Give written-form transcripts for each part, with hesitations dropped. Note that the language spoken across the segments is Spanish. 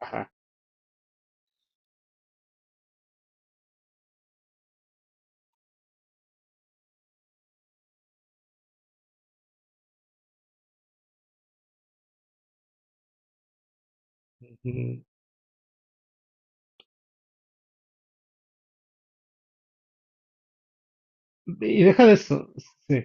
Ajá. Mm, Y deja de eso, sí.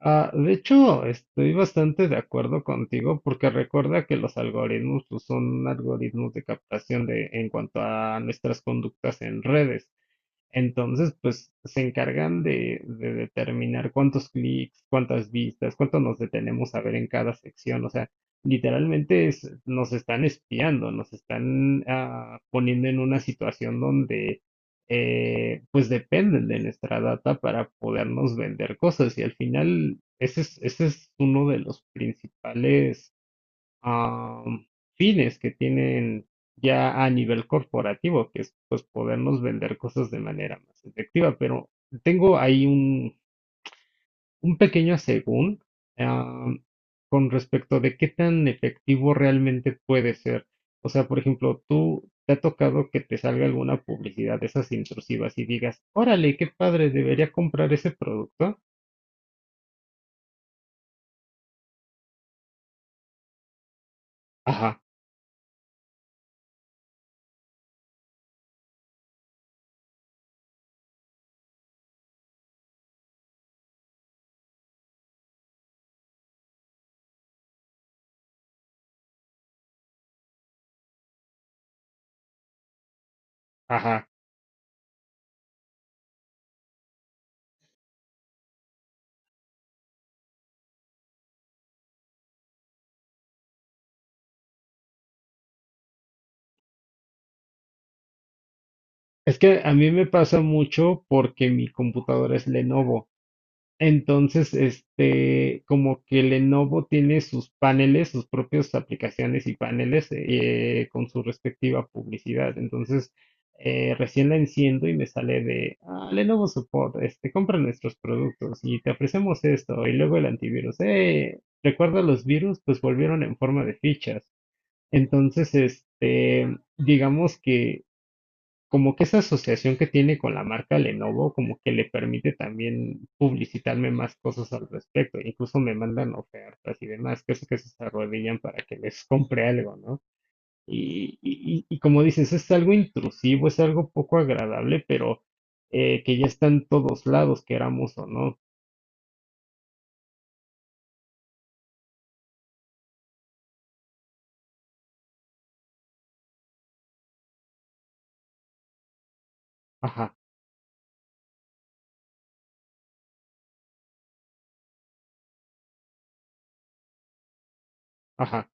De hecho, estoy bastante de acuerdo contigo porque recuerda que los algoritmos pues, son algoritmos de captación de en cuanto a nuestras conductas en redes. Entonces, pues se encargan de determinar cuántos clics, cuántas vistas, cuánto nos detenemos a ver en cada sección. O sea, nos están espiando, nos están poniendo en una situación donde pues dependen de nuestra data para podernos vender cosas. Y al final, ese es uno de los principales am, fines que tienen ya a nivel corporativo, que es pues podernos vender cosas de manera más efectiva. Pero tengo ahí un, un pequeño según am, con respecto de qué tan efectivo realmente puede ser. O sea, por ejemplo, tú te ha tocado que te salga alguna publicidad de esas intrusivas y digas, órale, qué padre, debería comprar ese producto. Ajá, ajá. Es que a mí me pasa mucho porque mi computadora es Lenovo. Entonces, este, como que Lenovo tiene sus paneles, sus propias aplicaciones y paneles con su respectiva publicidad. Entonces, recién la enciendo y me sale de "Ah, Lenovo Support, este, compra nuestros productos y te ofrecemos esto y luego el antivirus. Recuerda los virus, pues volvieron en forma de fichas. Entonces, este, digamos que como que esa asociación que tiene con la marca Lenovo, como que le permite también publicitarme más cosas al respecto. Incluso me mandan ofertas y demás, que es que se arrodillan para que les compre algo, ¿no? Y como dices, es algo intrusivo, es algo poco agradable, pero que ya está en todos lados, queramos o no. Ajá, ajá,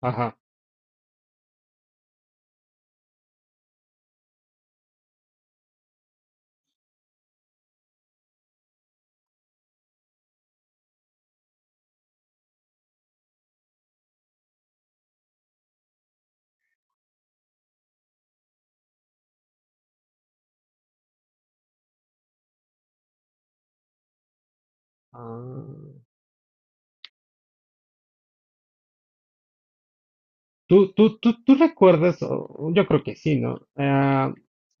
ajá. Ah. ¿Tú recuerdas, yo creo que sí, ¿no?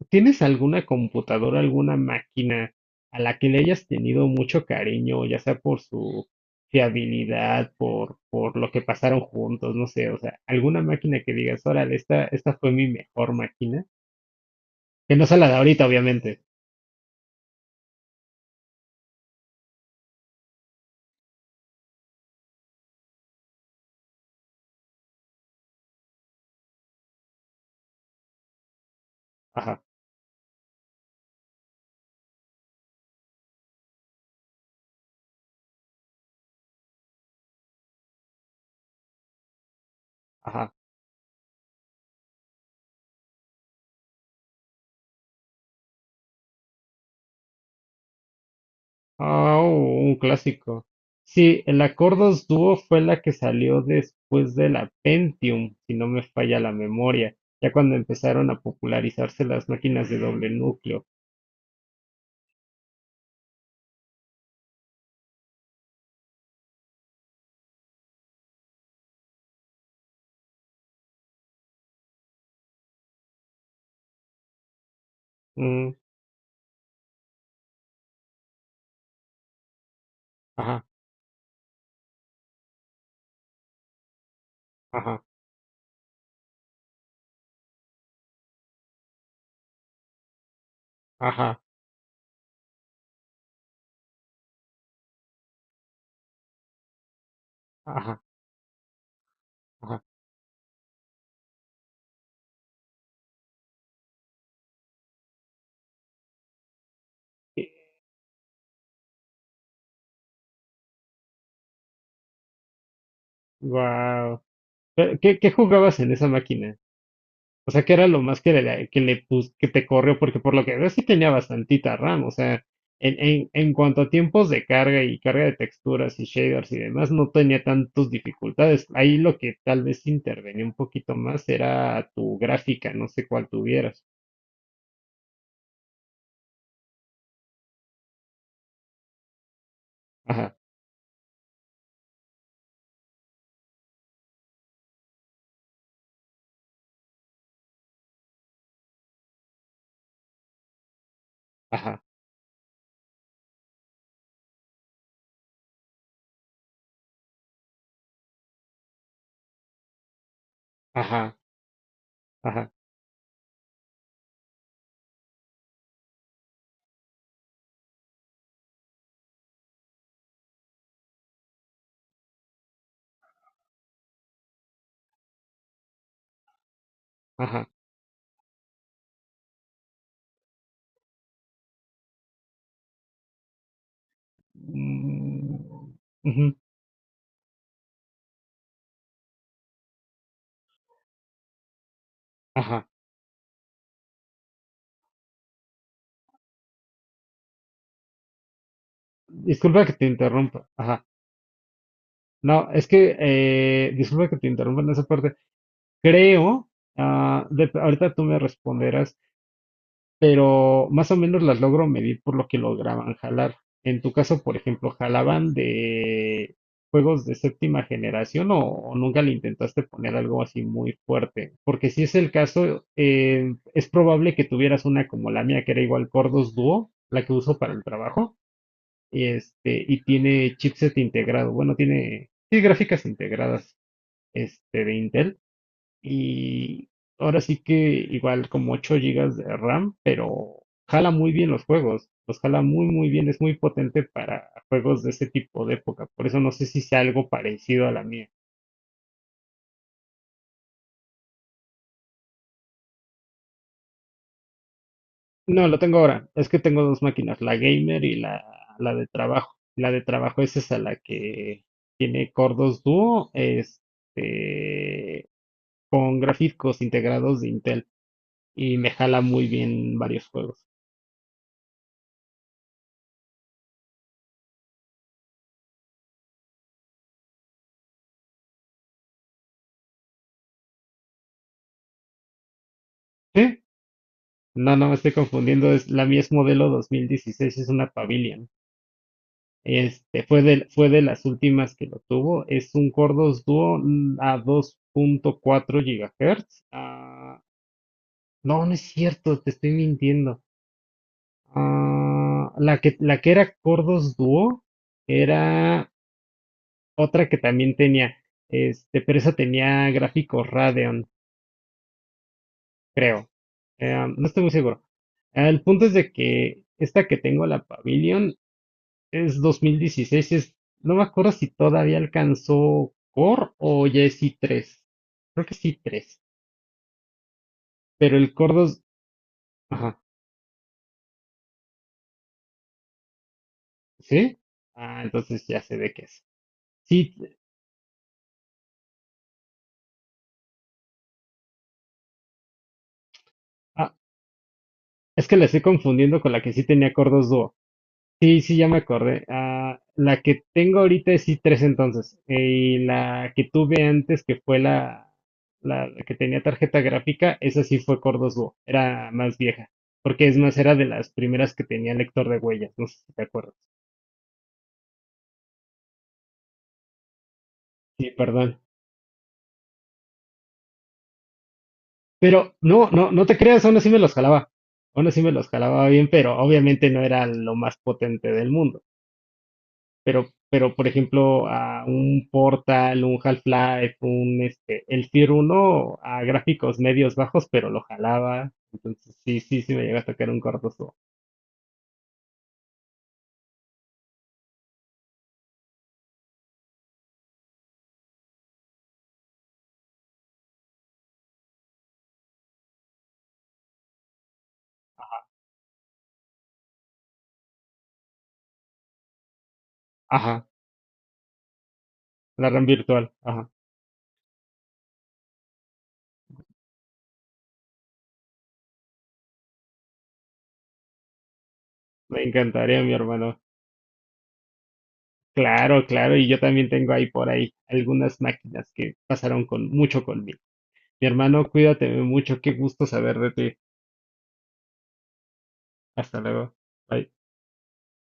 ¿Tienes alguna computadora, alguna máquina a la que le hayas tenido mucho cariño, ya sea por su fiabilidad, por lo que pasaron juntos, no sé, o sea, alguna máquina que digas, órale, esta fue mi mejor máquina, que no sea la de ahorita, obviamente. Ajá, ajá. Ah, oh, un clásico. Sí, el Acordos Duo fue la que salió después de la Pentium, si no me falla la memoria, ya cuando empezaron a popularizarse las máquinas de doble núcleo. Mm, ajá, ajá, ajá, ajá, ajá. Wow. ¿Qué, qué jugabas en esa máquina? O sea, que era lo más que le pus- que te corrió, porque por lo que veo sí tenía bastantita RAM. O sea, en cuanto a tiempos de carga y carga de texturas y shaders y demás, no tenía tantas dificultades. Ahí lo que tal vez intervenía un poquito más era tu gráfica, no sé cuál tuvieras. Ajá, ajá, ajá, ajá, ajá. Mm, ujú, ajá. Disculpa que te interrumpa. Ajá. No, es que, disculpa que te interrumpa en esa parte. Creo, ahorita tú me responderás, pero más o menos las logro medir por lo que lograban jalar. En tu caso, por ejemplo, ¿jalaban de juegos de séptima generación o nunca le intentaste poner algo así muy fuerte? Porque si es el caso, es probable que tuvieras una como la mía, que era igual Cordos Duo, la que uso para el trabajo, este, y tiene chipset integrado, bueno, tiene gráficas integradas, este, de Intel. Y ahora sí que igual como 8 gigas de RAM, pero jala muy bien los juegos. Los jala muy, muy bien. Es muy potente para juegos de ese tipo de época. Por eso no sé si sea algo parecido a la mía. No, lo tengo ahora. Es que tengo dos máquinas, la de trabajo. La de trabajo es esa, la que tiene Core 2 Duo, este, con gráficos integrados de Intel y me jala muy bien varios juegos. Sí, no, no me estoy confundiendo. Es, la Mies modelo 2016, es una Pavilion. Este, fue de las últimas que lo tuvo. Es un Cordos Duo a 2.4 GHz. No, no es cierto, te estoy mintiendo. Ah, la que era Cordos Duo era otra que también tenía, este, pero esa tenía gráficos Radeon, creo. No estoy muy seguro. El punto es de que esta que tengo, la Pavilion, es 2016, es, no me acuerdo si todavía alcanzó Core o ya es i tres. Creo que es i3, pero el Core dos ajá, ¿sí? Entonces ya sé de qué es. Sí, ah, es que la estoy confundiendo con la que sí tenía Core dos Duo. Sí, ya me acordé. La que tengo ahorita es i3 entonces. Y la que tuve antes, la que tenía tarjeta gráfica, esa sí fue Core 2 Duo. Era más vieja. Porque es más, era de las primeras que tenía lector de huellas. No sé si te acuerdas. Sí, perdón. Pero no te creas, aún así me los jalaba. Aún así me los jalaba bien, pero obviamente no era lo más potente del mundo. Pero por ejemplo, a un Portal, un Half-Life, un este, el Tier uno a gráficos medios bajos, pero lo jalaba. Entonces, sí me llega a tocar un cortoso. Ajá, la RAM virtual. Ajá, me encantaría, mi hermano. Claro, y yo también tengo ahí por ahí algunas máquinas que pasaron con mucho conmigo. Mi hermano, cuídate mucho, qué gusto saber de ti. Hasta luego. Bye.